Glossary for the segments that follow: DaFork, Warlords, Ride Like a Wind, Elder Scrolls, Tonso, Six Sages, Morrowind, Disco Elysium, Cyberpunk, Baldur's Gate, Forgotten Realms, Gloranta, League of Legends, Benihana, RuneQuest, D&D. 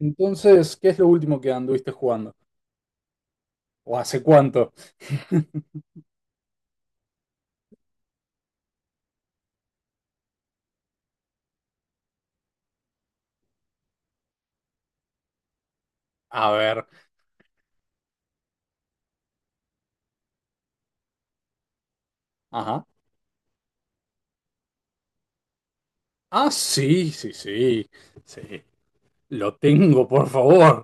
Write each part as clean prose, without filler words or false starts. Entonces, ¿qué es lo último que anduviste jugando? ¿O hace cuánto? A ver, ajá. Ah, sí, sí, sí. Sí, lo tengo, por favor.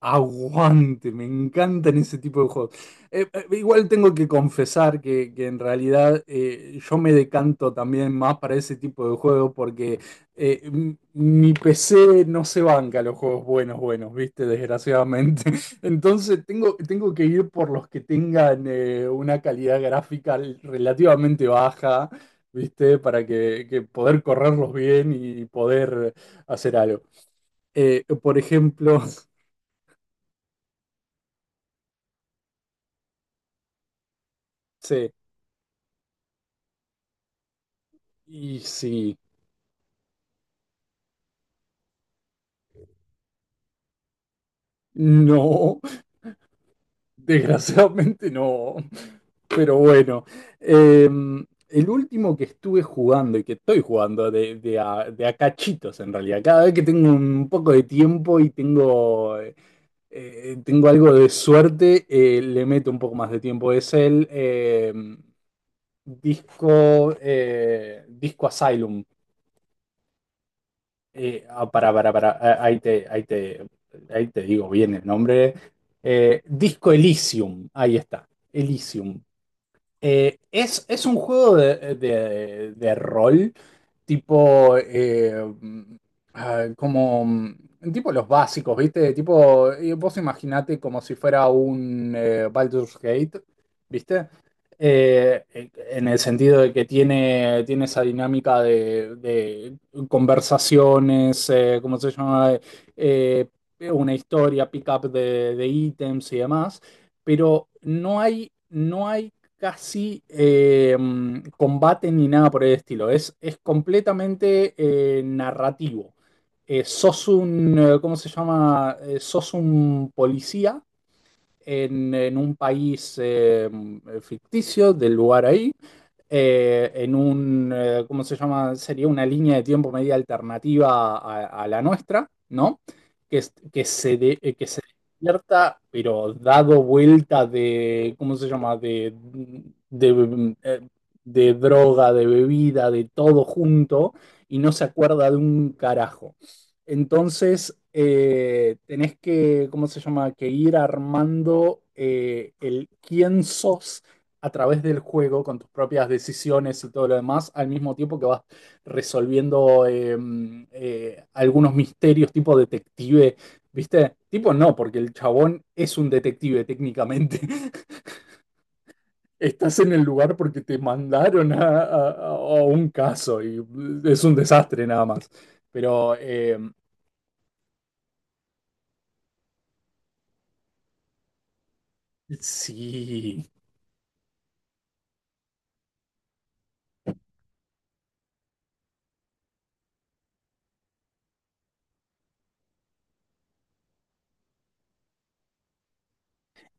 Aguante, me encantan ese tipo de juegos. Igual tengo que confesar que en realidad yo me decanto también más para ese tipo de juegos porque mi PC no se banca los juegos buenos, buenos, ¿viste? Desgraciadamente. Entonces tengo que ir por los que tengan una calidad gráfica relativamente baja, ¿viste? Para que poder correrlos bien y poder hacer algo. Por ejemplo. Sí. Y sí, no, desgraciadamente no. Pero bueno, eh, el último que estuve jugando y que estoy jugando de a cachitos en realidad, cada vez que tengo un poco de tiempo y tengo algo de suerte, le meto un poco más de tiempo, es el disco Asylum. Para, ahí te digo bien el nombre. Disco Elysium, ahí está, Elysium. Es un juego de rol, tipo, mm, como, tipo los básicos, ¿viste? Tipo, vos imaginate como si fuera un Baldur's Gate, ¿viste? En el sentido de que tiene esa dinámica de conversaciones, ¿cómo se llama? Eh, una historia, pick-up de ítems y demás, pero no hay casi combate ni nada por el estilo. Es completamente narrativo. ¿Cómo se llama? Sos un policía en un país ficticio del lugar ahí, ¿cómo se llama? Sería una línea de tiempo media alternativa a la nuestra, ¿no? Que se despierta, pero dado vuelta de, ¿cómo se llama? De, eh, de droga, de bebida, de todo junto, y no se acuerda de un carajo. Entonces, tenés que, ¿cómo se llama? Que ir armando el quién sos a través del juego con tus propias decisiones y todo lo demás, al mismo tiempo que vas resolviendo algunos misterios tipo detective, ¿viste? Tipo no, porque el chabón es un detective técnicamente. Estás en el lugar porque te mandaron a un caso y es un desastre nada más. Pero. Sí.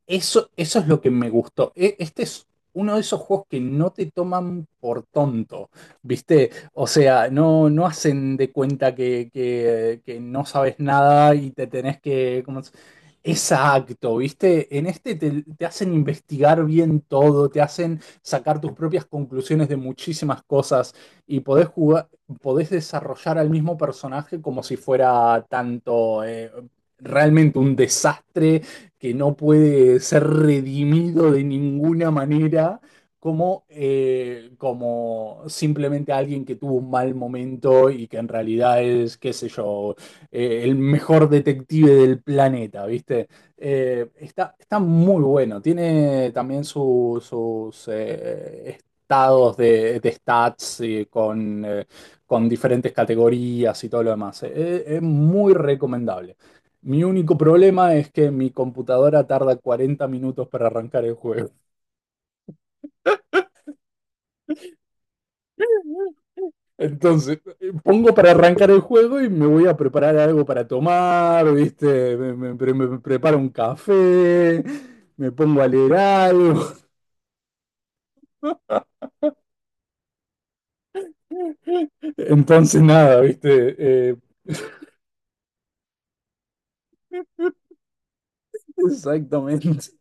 Eso es lo que me gustó. Este es uno de esos juegos que no te toman por tonto, ¿viste? O sea, no hacen de cuenta que no sabes nada y te tenés que. Exacto, ¿viste? En este te hacen investigar bien todo, te hacen sacar tus propias conclusiones de muchísimas cosas y podés jugar, podés desarrollar al mismo personaje como si fuera tanto realmente un desastre que no puede ser redimido de ninguna manera como simplemente alguien que tuvo un mal momento y que en realidad es, qué sé yo, el mejor detective del planeta, ¿viste? Está muy bueno, tiene también sus estados de stats con diferentes categorías y todo lo demás. Es muy recomendable. Mi único problema es que mi computadora tarda 40 minutos para arrancar el juego. Entonces, pongo para arrancar el juego y me voy a preparar algo para tomar, ¿viste? Me preparo un café, me pongo a leer algo. Entonces, nada, ¿viste? Exactamente.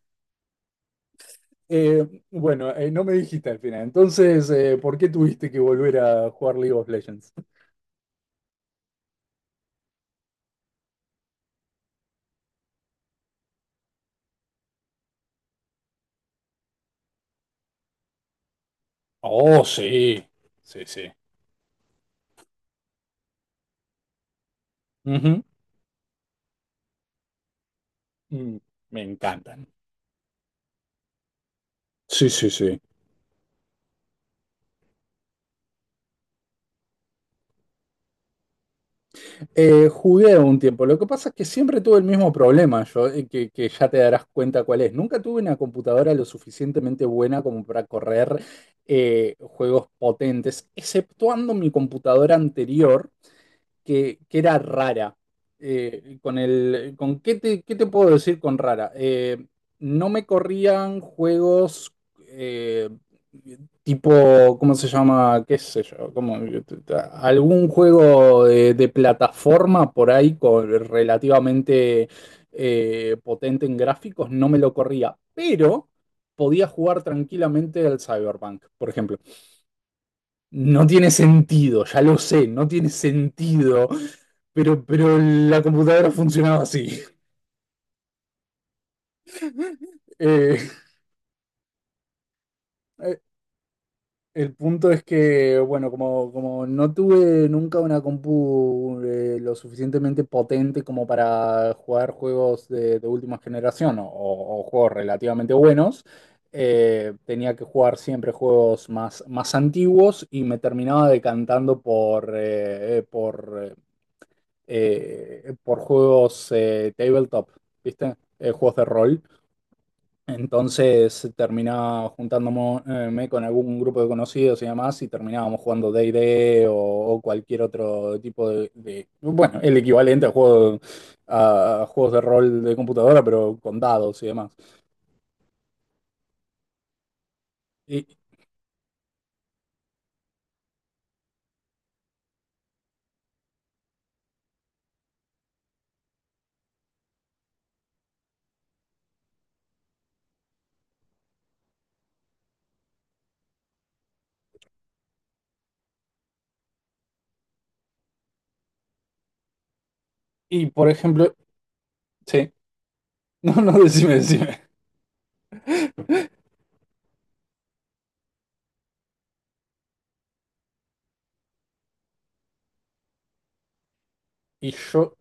Bueno, no me dijiste al final. Entonces, ¿por qué tuviste que volver a jugar League of Legends? Oh, sí, sí, sí. Ujú. Mm, Me encantan. Sí, sí, sí. Jugué un tiempo. Lo que pasa es que siempre tuve el mismo problema, que ya te darás cuenta cuál es. Nunca tuve una computadora lo suficientemente buena como para correr juegos potentes, exceptuando mi computadora anterior. Que era rara. Con ¿qué te puedo decir con rara? No me corrían juegos eh, tipo, ¿cómo se llama? ¿Qué sé yo? Como algún juego de plataforma por ahí con, relativamente potente en gráficos, no me lo corría, pero podía jugar tranquilamente al Cyberpunk, por ejemplo. No tiene sentido, ya lo sé, no tiene sentido, pero la computadora funcionaba así. Eh, eh, el punto es que, bueno, como no tuve nunca una compu lo suficientemente potente como para jugar juegos de última generación o juegos relativamente buenos, tenía que jugar siempre juegos más, más antiguos y me terminaba decantando por juegos tabletop, ¿viste? Juegos de rol. Entonces terminaba juntándome con algún grupo de conocidos y demás y terminábamos jugando D&D o cualquier otro tipo de bueno, el equivalente a juegos de rol de computadora, pero con dados y demás. Y, y por ejemplo, sí, no, no, decime. Y yo,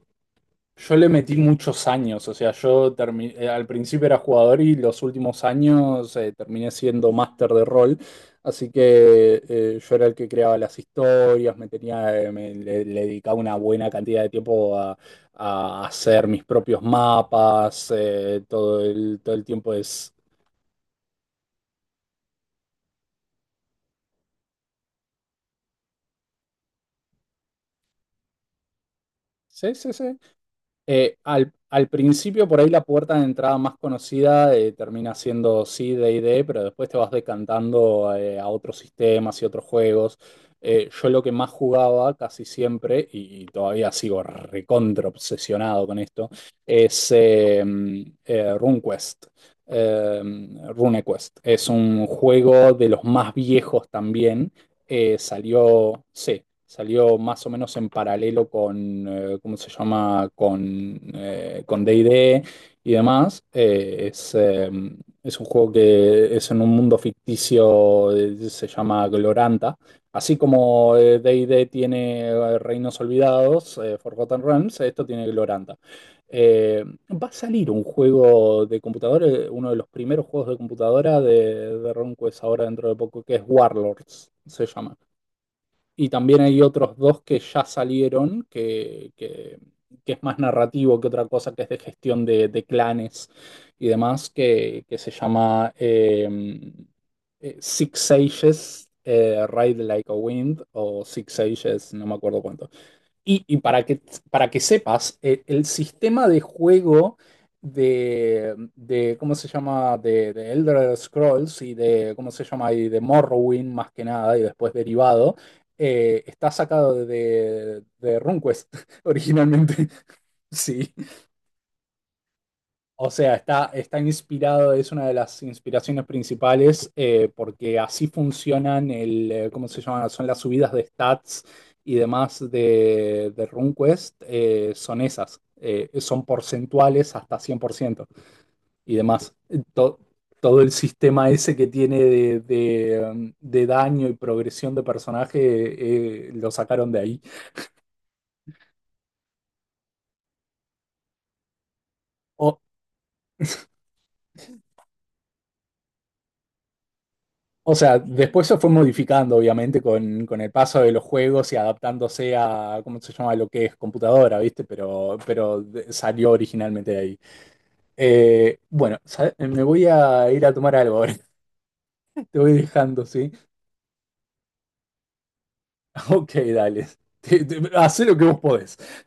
yo le metí muchos años, o sea, al principio era jugador y los últimos años terminé siendo máster de rol, así que yo era el que creaba las historias, me tenía, me- le dedicaba una buena cantidad de tiempo a hacer mis propios mapas, todo el tiempo es. Sí, sí, sí. Al principio, por ahí la puerta de entrada más conocida termina siendo sí, D&D, pero después te vas decantando a otros sistemas y otros juegos. Yo lo que más jugaba casi siempre, y todavía sigo recontra obsesionado con esto, es RuneQuest. Eh, RuneQuest es un juego de los más viejos también. Sí, salió más o menos en paralelo con, ¿cómo se llama? Con D&D y D y demás. Es un juego que es en un mundo ficticio, se llama Gloranta. Así como D&D tiene Reinos Olvidados, Forgotten Realms, esto tiene Gloranta. Eh, Va a salir un juego de computadora, uno de los primeros juegos de computadora de RomQuest ahora dentro de poco, que es Warlords, se llama. Y también hay otros dos que ya salieron, que es más narrativo que otra cosa, que es de gestión de clanes y demás, que se llama Six Sages, Ride Like a Wind, o Six Sages, no me acuerdo cuánto. Y para que sepas, el sistema de juego de ¿cómo se llama? De Elder Scrolls y de, ¿cómo se llama? Y de Morrowind más que nada y después derivado, está sacado de RuneQuest originalmente. Sí. O sea, está inspirado, es una de las inspiraciones principales, porque así funcionan ¿cómo se llama? Son las subidas de stats y demás de RuneQuest, son porcentuales hasta 100% y demás. To- todo el sistema ese que tiene de daño y progresión de personaje lo sacaron de ahí. O, O sea, después se fue modificando, obviamente, con el paso de los juegos y adaptándose a, ¿cómo se llama? Lo que es computadora, ¿viste? Pero salió originalmente de ahí. Bueno, me voy a ir a tomar algo ahora. Te voy dejando, ¿sí? Ok, dale. Hacé lo que vos podés.